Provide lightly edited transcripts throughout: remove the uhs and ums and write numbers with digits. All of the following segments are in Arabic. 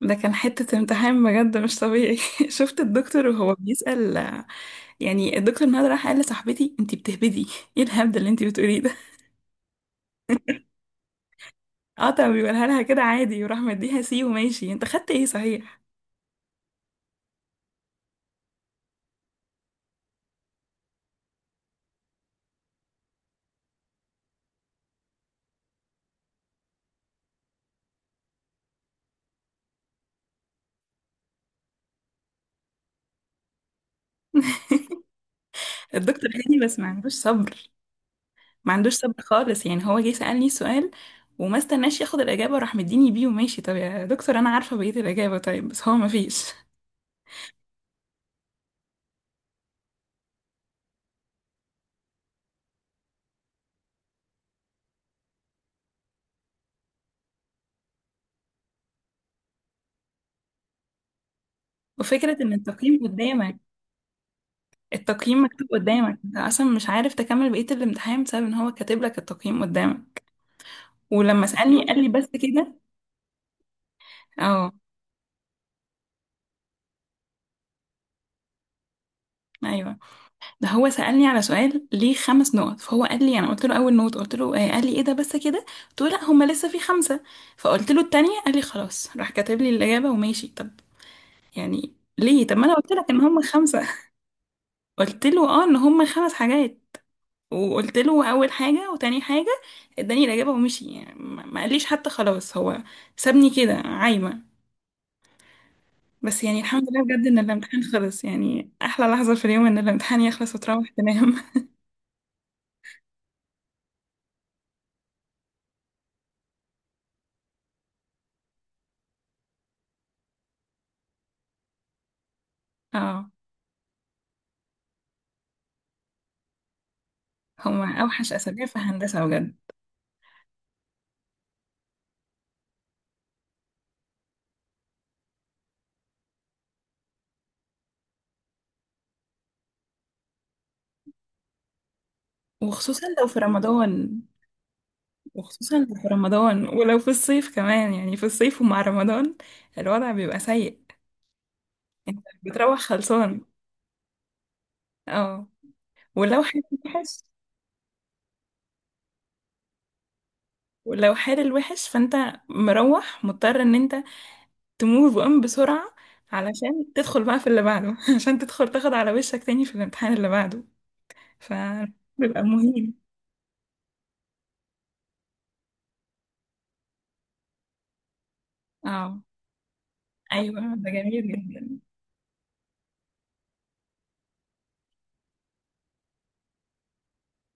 ده كان حتة امتحان بجد مش طبيعي. شفت الدكتور وهو بيسأل يعني. الدكتور نهاد راح قال لصاحبتي انتي بتهبدي، ايه الهبد اللي انتي بتقوليه ده؟ اه طب بيقولها لها كده عادي وراح مديها سي وماشي. انت خدت ايه صحيح؟ الدكتور هادي بس ما عندوش صبر خالص. يعني هو جه سألني سؤال وما استناش ياخد الإجابة وراح مديني بيه وماشي. طب يا دكتور أنا عارفة بقية الإجابة، طيب بس هو ما فيش. وفكرة إن التقييم قدامك، التقييم مكتوب قدامك، انت اصلا مش عارف تكمل بقية الامتحان بسبب ان هو كاتب لك التقييم قدامك. ولما سألني قال لي بس كده. اه ايوه، ده هو سألني على سؤال ليه خمس نقط، فهو قال لي، انا قلت له اول نقط، قلت له آه، قال لي ايه ده بس كده؟ قلت له لا هما لسه في خمسة. فقلت له التانية، قال لي خلاص، راح كاتب لي الإجابة وماشي. طب يعني ليه؟ طب ما انا قلت لك ان هما خمسة. قلت له اه ان هما خمس حاجات، وقلت له اول حاجه وتاني حاجه، اداني الاجابه ومشي. يعني ما قاليش حتى خلاص هو، سابني كده عايمه. بس يعني الحمد لله بجد ان الامتحان خلص، يعني احلى لحظه في اليوم ان الامتحان يخلص وتروح تنام. اه، هما اوحش اسابيع في هندسه بجد. وخصوصا لو في رمضان. وخصوصا لو في رمضان ولو في الصيف كمان، يعني في الصيف ومع رمضان الوضع بيبقى سيء. انت بتروح خلصان. اه، ولو حد وحش، ولو حال الوحش، فانت مروح مضطر ان انت تموف اون بسرعة علشان تدخل بقى في اللي بعده. عشان تدخل تاخد على وشك تاني في الامتحان اللي بعده، فبيبقى مهم. اه ايوه، ده جميل جدا.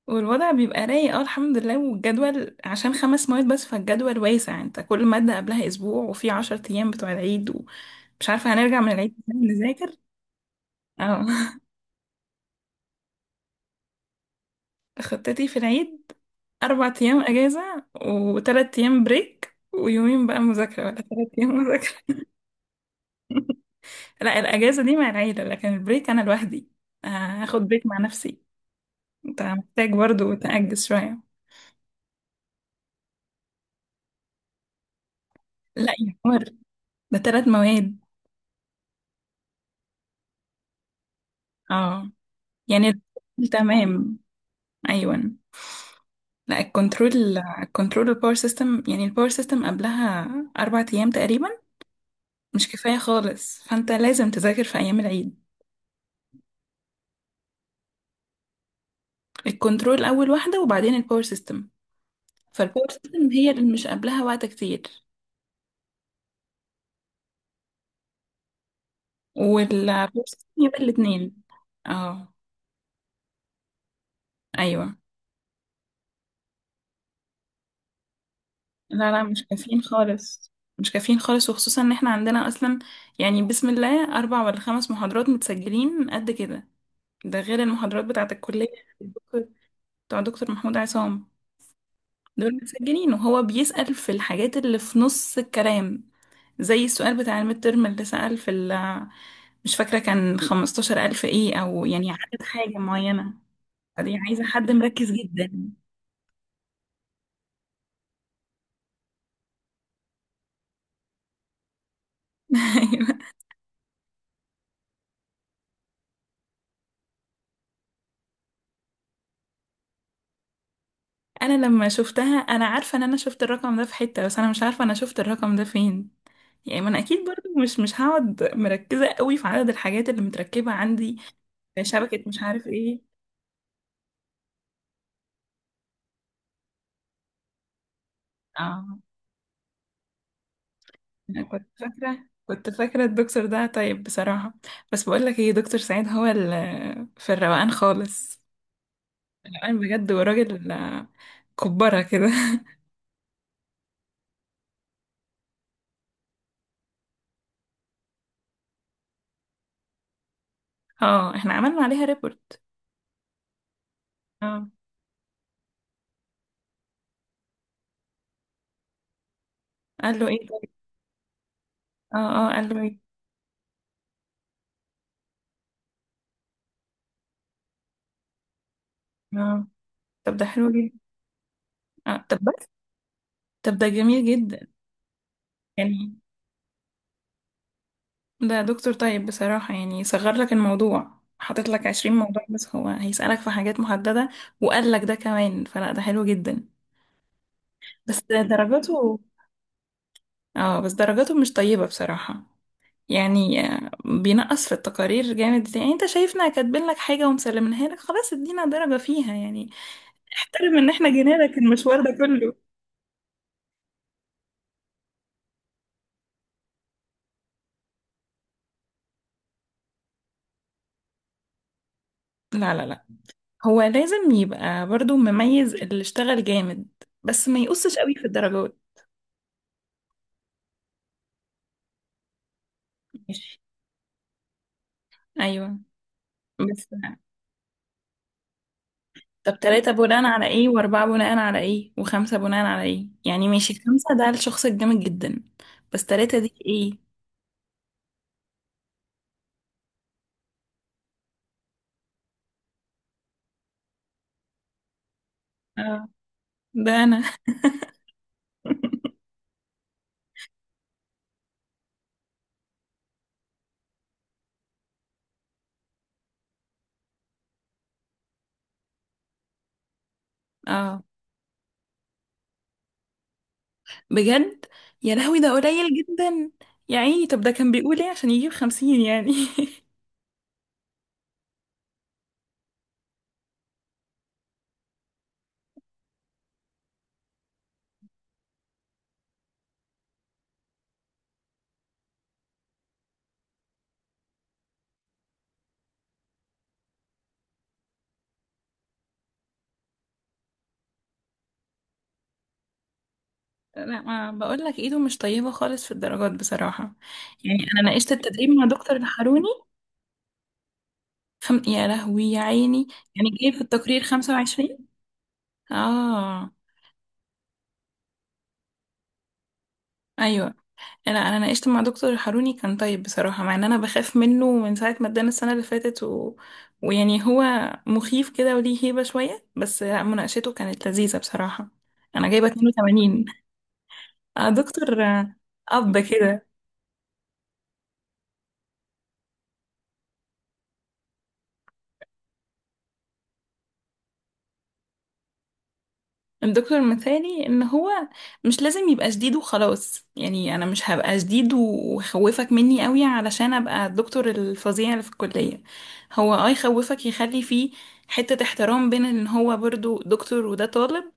والوضع بيبقى رايق، اه الحمد لله. والجدول عشان خمس مواد بس، فالجدول واسع، انت كل مادة قبلها اسبوع، وفي عشر ايام بتوع العيد، ومش عارفة هنرجع من العيد إزاي نذاكر. اه. خطتي في العيد، أربع أيام أجازة وتلات أيام بريك ويومين بقى مذاكرة ولا تلات أيام مذاكرة. لا الأجازة دي مع العيلة، لكن البريك أنا لوحدي. هاخد بريك مع نفسي. أنت محتاج برضو تأجز شوية. لا يا عمر، ده تلات مواد. اه يعني، تمام، أيوة. لا الكنترول، الكنترول الباور سيستم، يعني الباور سيستم قبلها أربع أيام تقريبا، مش كفاية خالص، فأنت لازم تذاكر في أيام العيد. الكنترول أول واحدة وبعدين الباور سيستم، فالباور سيستم هي اللي مش قبلها وقت كتير. والباور سيستم يبقى الاتنين. اه أيوة. لا لا مش كافيين خالص، مش كافيين خالص، وخصوصا ان احنا عندنا اصلا يعني بسم الله اربع ولا خمس محاضرات متسجلين قد كده، ده غير المحاضرات بتاعة الكلية. الدكتور- بتاع دكتور محمود عصام. دول متسجلين وهو بيسأل في الحاجات اللي في نص الكلام، زي السؤال بتاع الميد ترم اللي سأل في مش فاكرة كان خمستاشر ألف ايه، او يعني عدد حاجة معينة. فدي عايزة حد مركز جدا. انا لما شفتها انا عارفه ان انا شفت الرقم ده في حته، بس انا مش عارفه انا شفت الرقم ده فين. يعني ما انا اكيد برضو مش هقعد مركزه قوي في عدد الحاجات اللي متركبه عندي، في شبكه مش عارف ايه. اه انا كنت فاكره الدكتور ده طيب بصراحه. بس بقول لك ايه، دكتور سعيد هو في الروقان خالص، الروقان بجد، وراجل كبره كده. اه احنا عملنا عليها ريبورت. اه قال له ايه؟ طيب. اه اه قال له ايه؟ اه طب ده حلو جدا. اه طب. طب ده جميل جدا يعني. ده دكتور طيب بصراحة، يعني صغر لك الموضوع، حاطط لك عشرين موضوع بس هو هيسألك في حاجات محددة، وقال لك ده كمان، فلا ده حلو جدا. بس درجاته، اه بس درجاته مش طيبة بصراحة. يعني بينقص في التقارير جامد. يعني انت شايفنا كاتبين لك حاجة ومسلمينها لك، خلاص ادينا درجة فيها يعني، احترم ان احنا جينا لك المشوار ده كله. لا لا لا، هو لازم يبقى برضو مميز اللي اشتغل جامد، بس ما يقصش قوي في الدرجات. ايوه بس. طب تلاتة بناء على ايه، واربعة بناء على ايه، وخمسة بناء على ايه؟ يعني ماشي خمسة ده الشخص الجامد جدا، بس تلاتة دي ايه؟ اه ده انا. اه بجد؟ يا لهوي ده قليل جدا. يا عيني، طب ده كان بيقول ايه عشان يجيب خمسين يعني؟ لا ما بقول لك ايده مش طيبة خالص في الدرجات بصراحة. يعني انا ناقشت التدريب مع دكتور الحروني. يا لهوي يا عيني. يعني جايب في التقرير خمسة وعشرين. اه ايوه. انا ناقشت مع دكتور حاروني، كان طيب بصراحه، مع ان انا بخاف منه من ساعه ما ادانا السنه اللي فاتت ويعني هو مخيف كده وليه هيبه شويه، بس لا مناقشته كانت لذيذه بصراحه. انا جايبه 82. دكتور اب كده. الدكتور مثالي ان هو مش لازم يبقى شديد وخلاص، يعني انا مش هبقى شديد وخوفك مني قوي علشان ابقى الدكتور الفظيع اللي في الكليه. هو اه يخوفك يخلي فيه حتة احترام بين ان هو برضو دكتور وده طالب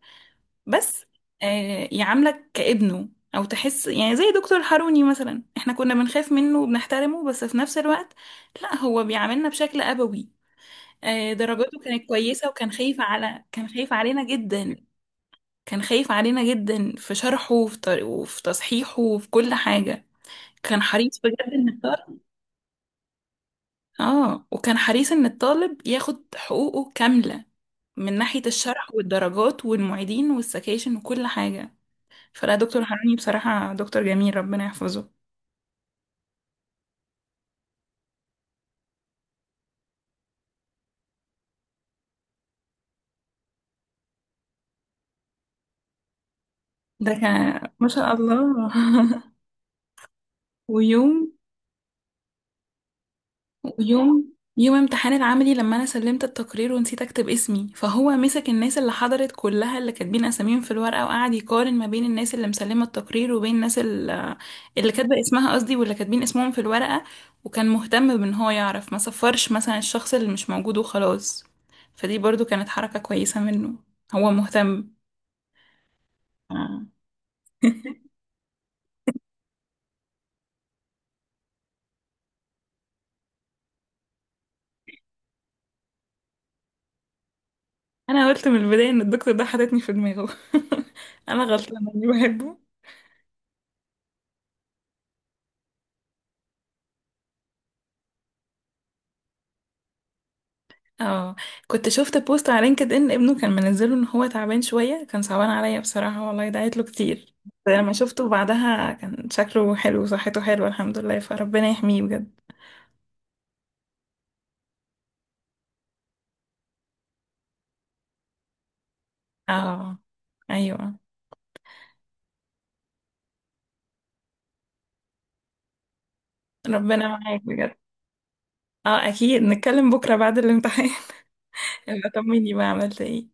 بس. يعاملك كابنه، او تحس يعني زي دكتور حروني مثلا، احنا كنا بنخاف منه وبنحترمه بس في نفس الوقت لا هو بيعاملنا بشكل ابوي. درجاته كانت كويسة، وكان خايف على كان خايف علينا جدا كان خايف علينا جدا في شرحه وفي تصحيحه وفي كل حاجة. كان حريص بجد ان الطالب، اه وكان حريص ان الطالب ياخد حقوقه كاملة من ناحية الشرح والدرجات والمعيدين والسكاشن وكل حاجة. فلا دكتور حنوني بصراحة دكتور جميل ربنا يحفظه. ده كان ما شاء الله. ويوم امتحان العملي، لما انا سلمت التقرير ونسيت اكتب اسمي، فهو مسك الناس اللي حضرت كلها اللي كاتبين اساميهم في الورقة، وقعد يقارن ما بين الناس اللي مسلمة التقرير وبين اللي كاتبة اسمها، قصدي واللي كاتبين اسمهم في الورقة، وكان مهتم بان هو يعرف ما صفرش مثلا الشخص اللي مش موجود وخلاص. فدي برضو كانت حركة كويسة منه، هو مهتم. آه. انا قلت من البدايه ان الدكتور ده حاططني في دماغه. انا غلطانه اني بحبه. اه كنت شفت بوست على لينكد ان ابنه كان منزله ان هو تعبان شويه، كان صعبان عليا بصراحه والله، دعيت له كتير، بس لما شفته بعدها كان شكله حلو وصحته حلوه الحمد لله، فربنا يحميه بجد. اه ايوه، ربنا معاك بجد. اه اكيد نتكلم بكره بعد الامتحان. ابقى طمني بقى عملت ايه.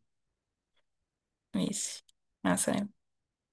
ماشي، مع السلامه.